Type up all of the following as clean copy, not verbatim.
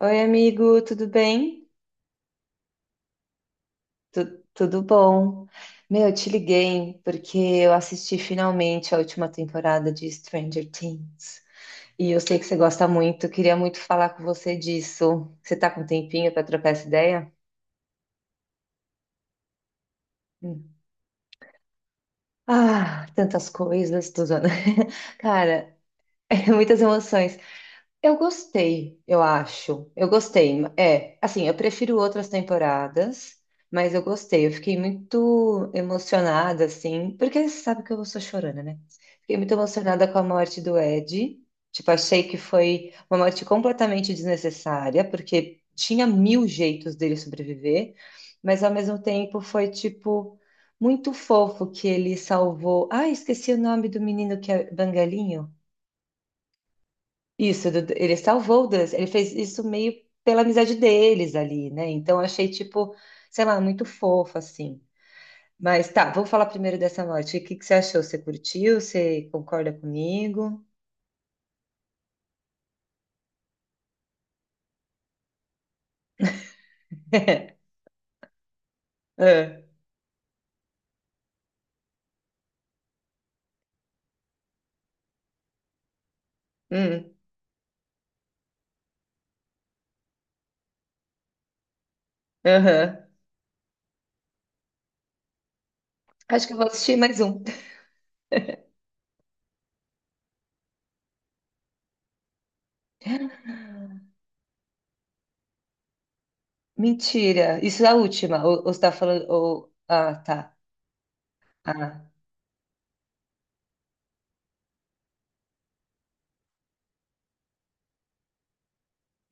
Oi, amigo, tudo bem? Tudo bom? Meu, eu te liguei porque eu assisti finalmente a última temporada de Stranger Things. E eu sei que você gosta muito, queria muito falar com você disso. Você tá com um tempinho para trocar essa ideia? Hum. Ah, tantas coisas, tô usando. Cara, muitas emoções. Eu gostei, eu acho. Eu gostei. É, assim, eu prefiro outras temporadas, mas eu gostei. Eu fiquei muito emocionada, assim, porque você sabe que eu sou chorona, né? Fiquei muito emocionada com a morte do Ed. Tipo, achei que foi uma morte completamente desnecessária, porque tinha mil jeitos dele sobreviver, mas ao mesmo tempo foi, tipo, muito fofo que ele salvou. Ah, esqueci o nome do menino que é Bangalinho. Isso, ele salvou o Dustin, ele fez isso meio pela amizade deles ali, né? Então eu achei, tipo, sei lá, muito fofo, assim. Mas tá, vamos falar primeiro dessa morte. O que que você achou? Você curtiu? Você concorda comigo? É. Hum. Aham. Acho que eu vou assistir mais um. Mentira, isso é a última. Ou você tá falando. Ah, tá. Ah.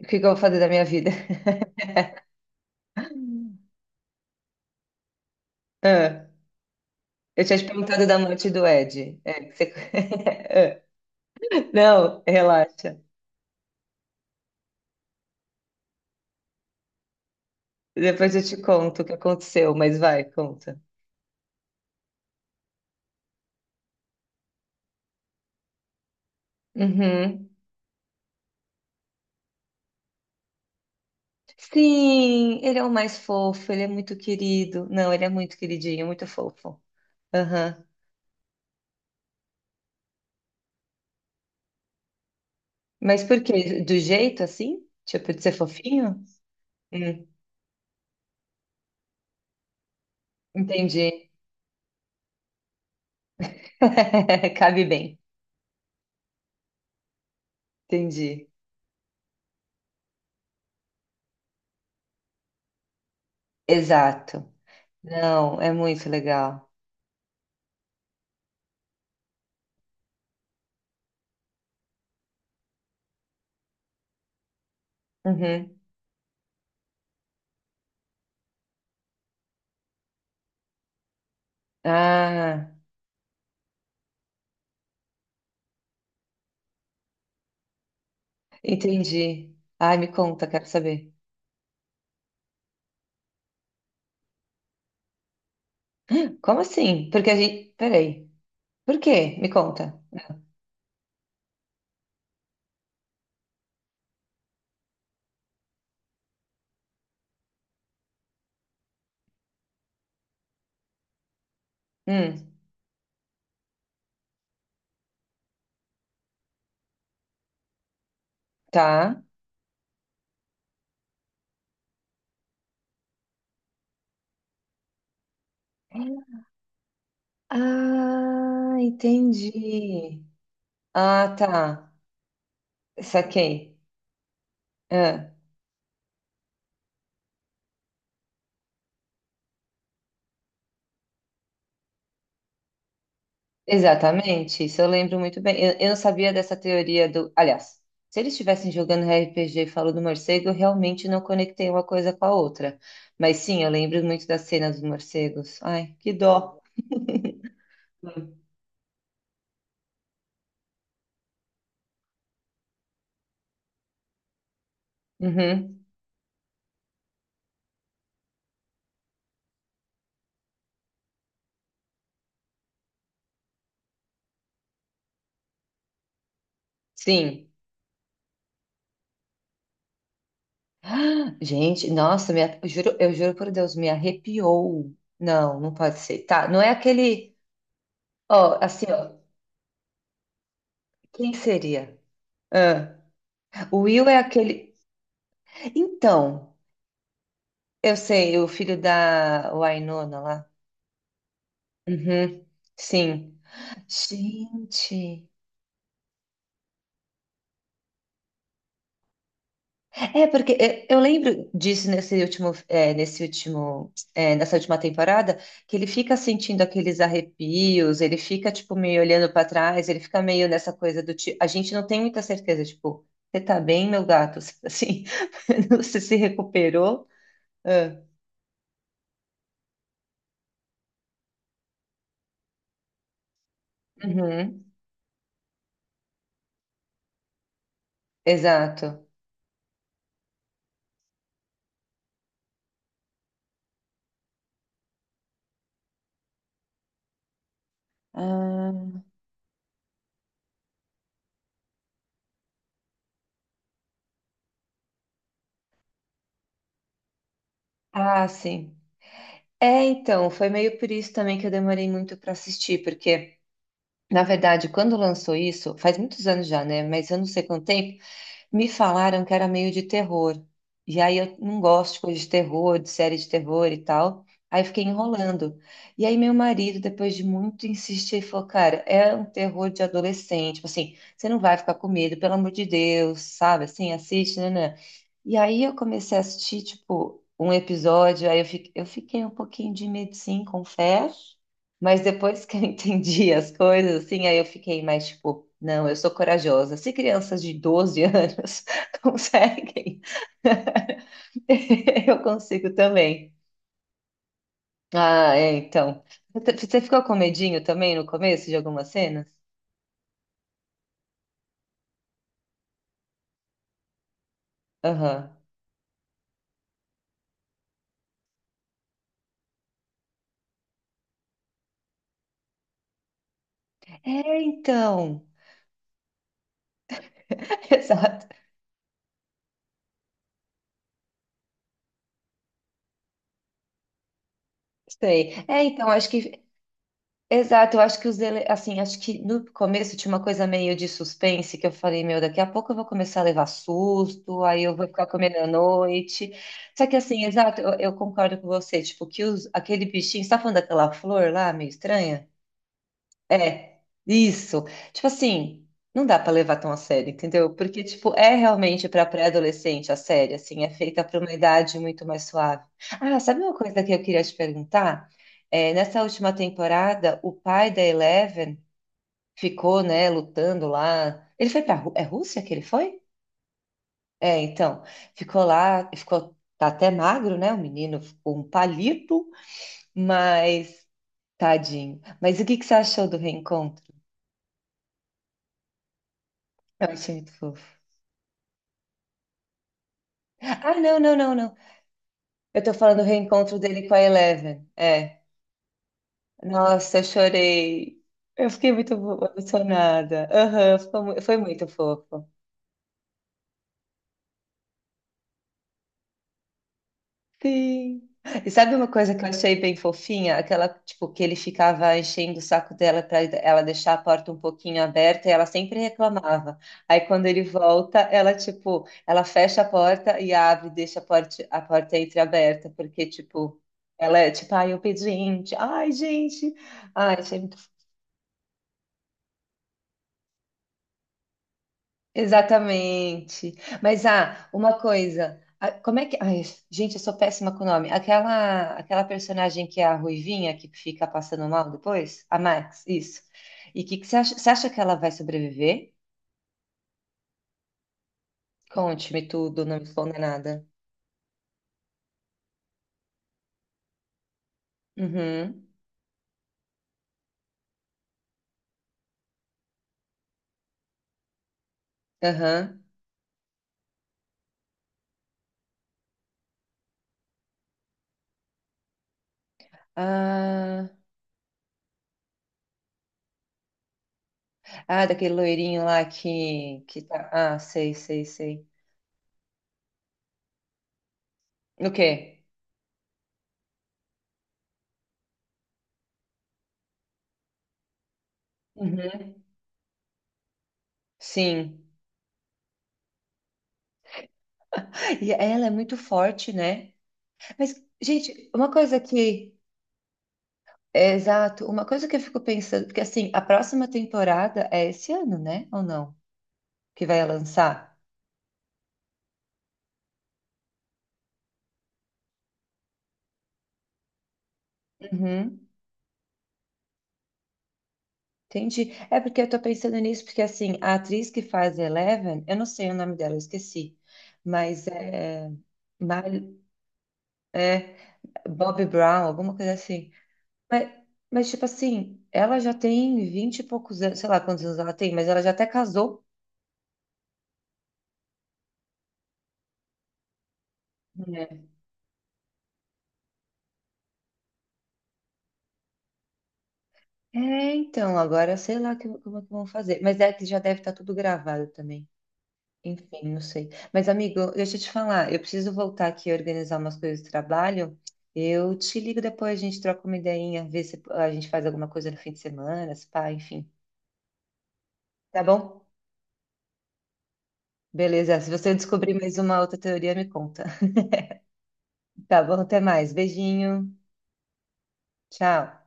O que que eu vou fazer da minha vida? Ah. Eu tinha te perguntado da morte do Ed. É, que você- Ah. Não, relaxa. Depois eu te conto o que aconteceu, mas vai, conta. Uhum. Sim, ele é o mais fofo, ele é muito querido. Não, ele é muito queridinho, muito fofo. Aham. Mas por quê? Do jeito assim? Tipo, de ser fofinho? Hum, entendi. Cabe bem. Entendi. Exato. Não, é muito legal. Uhum. Ah, entendi. Ai, me conta, quero saber. Como assim? Porque a gente. Peraí. Por quê? Me conta. Hum, tá. Ah, entendi. Ah, tá. Saquei. Ah, exatamente. Isso eu lembro muito bem. Eu não sabia dessa teoria do. Aliás, se eles estivessem jogando RPG e falou do morcego, eu realmente não conectei uma coisa com a outra. Mas sim, eu lembro muito da cena dos morcegos. Ai, que dó. Uhum. Sim. Ah, gente, nossa, eu juro por Deus, me arrepiou. Não, não pode ser. Tá, não é aquele. Ó, assim, ó. Quem seria? Ah, o Will é aquele. Então, eu sei, o filho da Wynonna lá. Uhum, sim. Gente. É, porque eu lembro disso nessa última temporada, que ele fica sentindo aqueles arrepios, ele fica, tipo, meio olhando para trás, ele fica meio nessa coisa do tipo. A gente não tem muita certeza, tipo, você tá bem, meu gato? Assim, você se recuperou? Ah, uhum, exato. Ah, ah, sim. É, então, foi meio por isso também que eu demorei muito para assistir, porque, na verdade, quando lançou isso, faz muitos anos já, né? Mas eu não sei quanto tempo. Me falaram que era meio de terror. E aí eu não gosto de coisa de terror, de série de terror e tal. Aí fiquei enrolando. E aí meu marido, depois de muito insistir, falou: Cara, é um terror de adolescente. Tipo assim, você não vai ficar com medo, pelo amor de Deus, sabe? Assim, assiste, né? Né. E aí eu comecei a assistir, tipo, um episódio. Aí eu fiquei um pouquinho de medo, sim, confesso. Mas depois que eu entendi as coisas, assim, aí eu fiquei mais tipo, não, eu sou corajosa. Se crianças de 12 anos conseguem, eu consigo também. Ah, é, então. Você ficou com medinho também no começo de algumas cenas? Aham. É, então. Exato. Sei. É, então, acho que exato, eu acho que os ele... assim, acho que no começo tinha uma coisa meio de suspense que eu falei, meu, daqui a pouco eu vou começar a levar susto, aí eu vou ficar comendo à noite. Só que assim, exato, eu concordo com você, tipo, aquele bichinho, você tá falando daquela flor lá, meio estranha? É, isso. Tipo assim, não dá pra levar tão a sério, entendeu? Porque, tipo, é realmente pra pré-adolescente a série, assim, é feita pra uma idade muito mais suave. Ah, sabe uma coisa que eu queria te perguntar? É, nessa última temporada, o pai da Eleven ficou, né, lutando lá. Ele foi pra Rússia que ele foi? É, então, ficou lá, ficou, tá até magro, né? O menino ficou um palito, mas tadinho. Mas o que que você achou do reencontro? Eu achei muito fofo. Ah, não, não, não, não. Eu tô falando do reencontro dele com a Eleven. É. Nossa, eu chorei. Eu fiquei muito emocionada. Aham, ficou foi muito fofo. Sim. E sabe uma coisa que eu achei bem fofinha? Aquela, tipo, que ele ficava enchendo o saco dela para ela deixar a porta um pouquinho aberta e ela sempre reclamava. Aí quando ele volta, ela, tipo, ela fecha a porta e abre, deixa a porta entreaberta, porque, tipo, ela é, tipo, ai, obediente. Ai, gente. Ai, achei exatamente. Mas ah, uma coisa, ah, como é que, ai, gente, eu sou péssima com o nome. Aquela, aquela personagem que é a Ruivinha que fica passando mal depois, a Max, isso. E que você acha que ela vai sobreviver? Conte-me tudo, não me esconda nada. Uhum. Aham. Ah, ah, daquele loirinho lá que tá. Ah, sei, sei, sei. O quê? Uhum. Sim. E ela é muito forte, né? Mas, gente, uma coisa que é, exato. Uma coisa que eu fico pensando, porque assim, a próxima temporada é esse ano, né? Ou não? Que vai lançar? Uhum. Entendi. É porque eu tô pensando nisso, porque assim, a atriz que faz Eleven, eu não sei o nome dela, eu esqueci. Mas é. Mar... É. Bobby Brown, alguma coisa assim. Mas, mas, tipo assim, ela já tem vinte e poucos anos, sei lá quantos anos ela tem, mas ela já até casou. Né? É, então, agora sei lá como é que vão fazer. Mas é que já deve estar tudo gravado também. Enfim, não sei. Mas, amigo, deixa eu te falar, eu preciso voltar aqui e organizar umas coisas do trabalho. Eu te ligo depois, a gente troca uma ideinha, vê se a gente faz alguma coisa no fim de semana, se pá, enfim. Tá bom? Beleza, se você descobrir mais uma outra teoria, me conta. Tá bom, até mais. Beijinho. Tchau.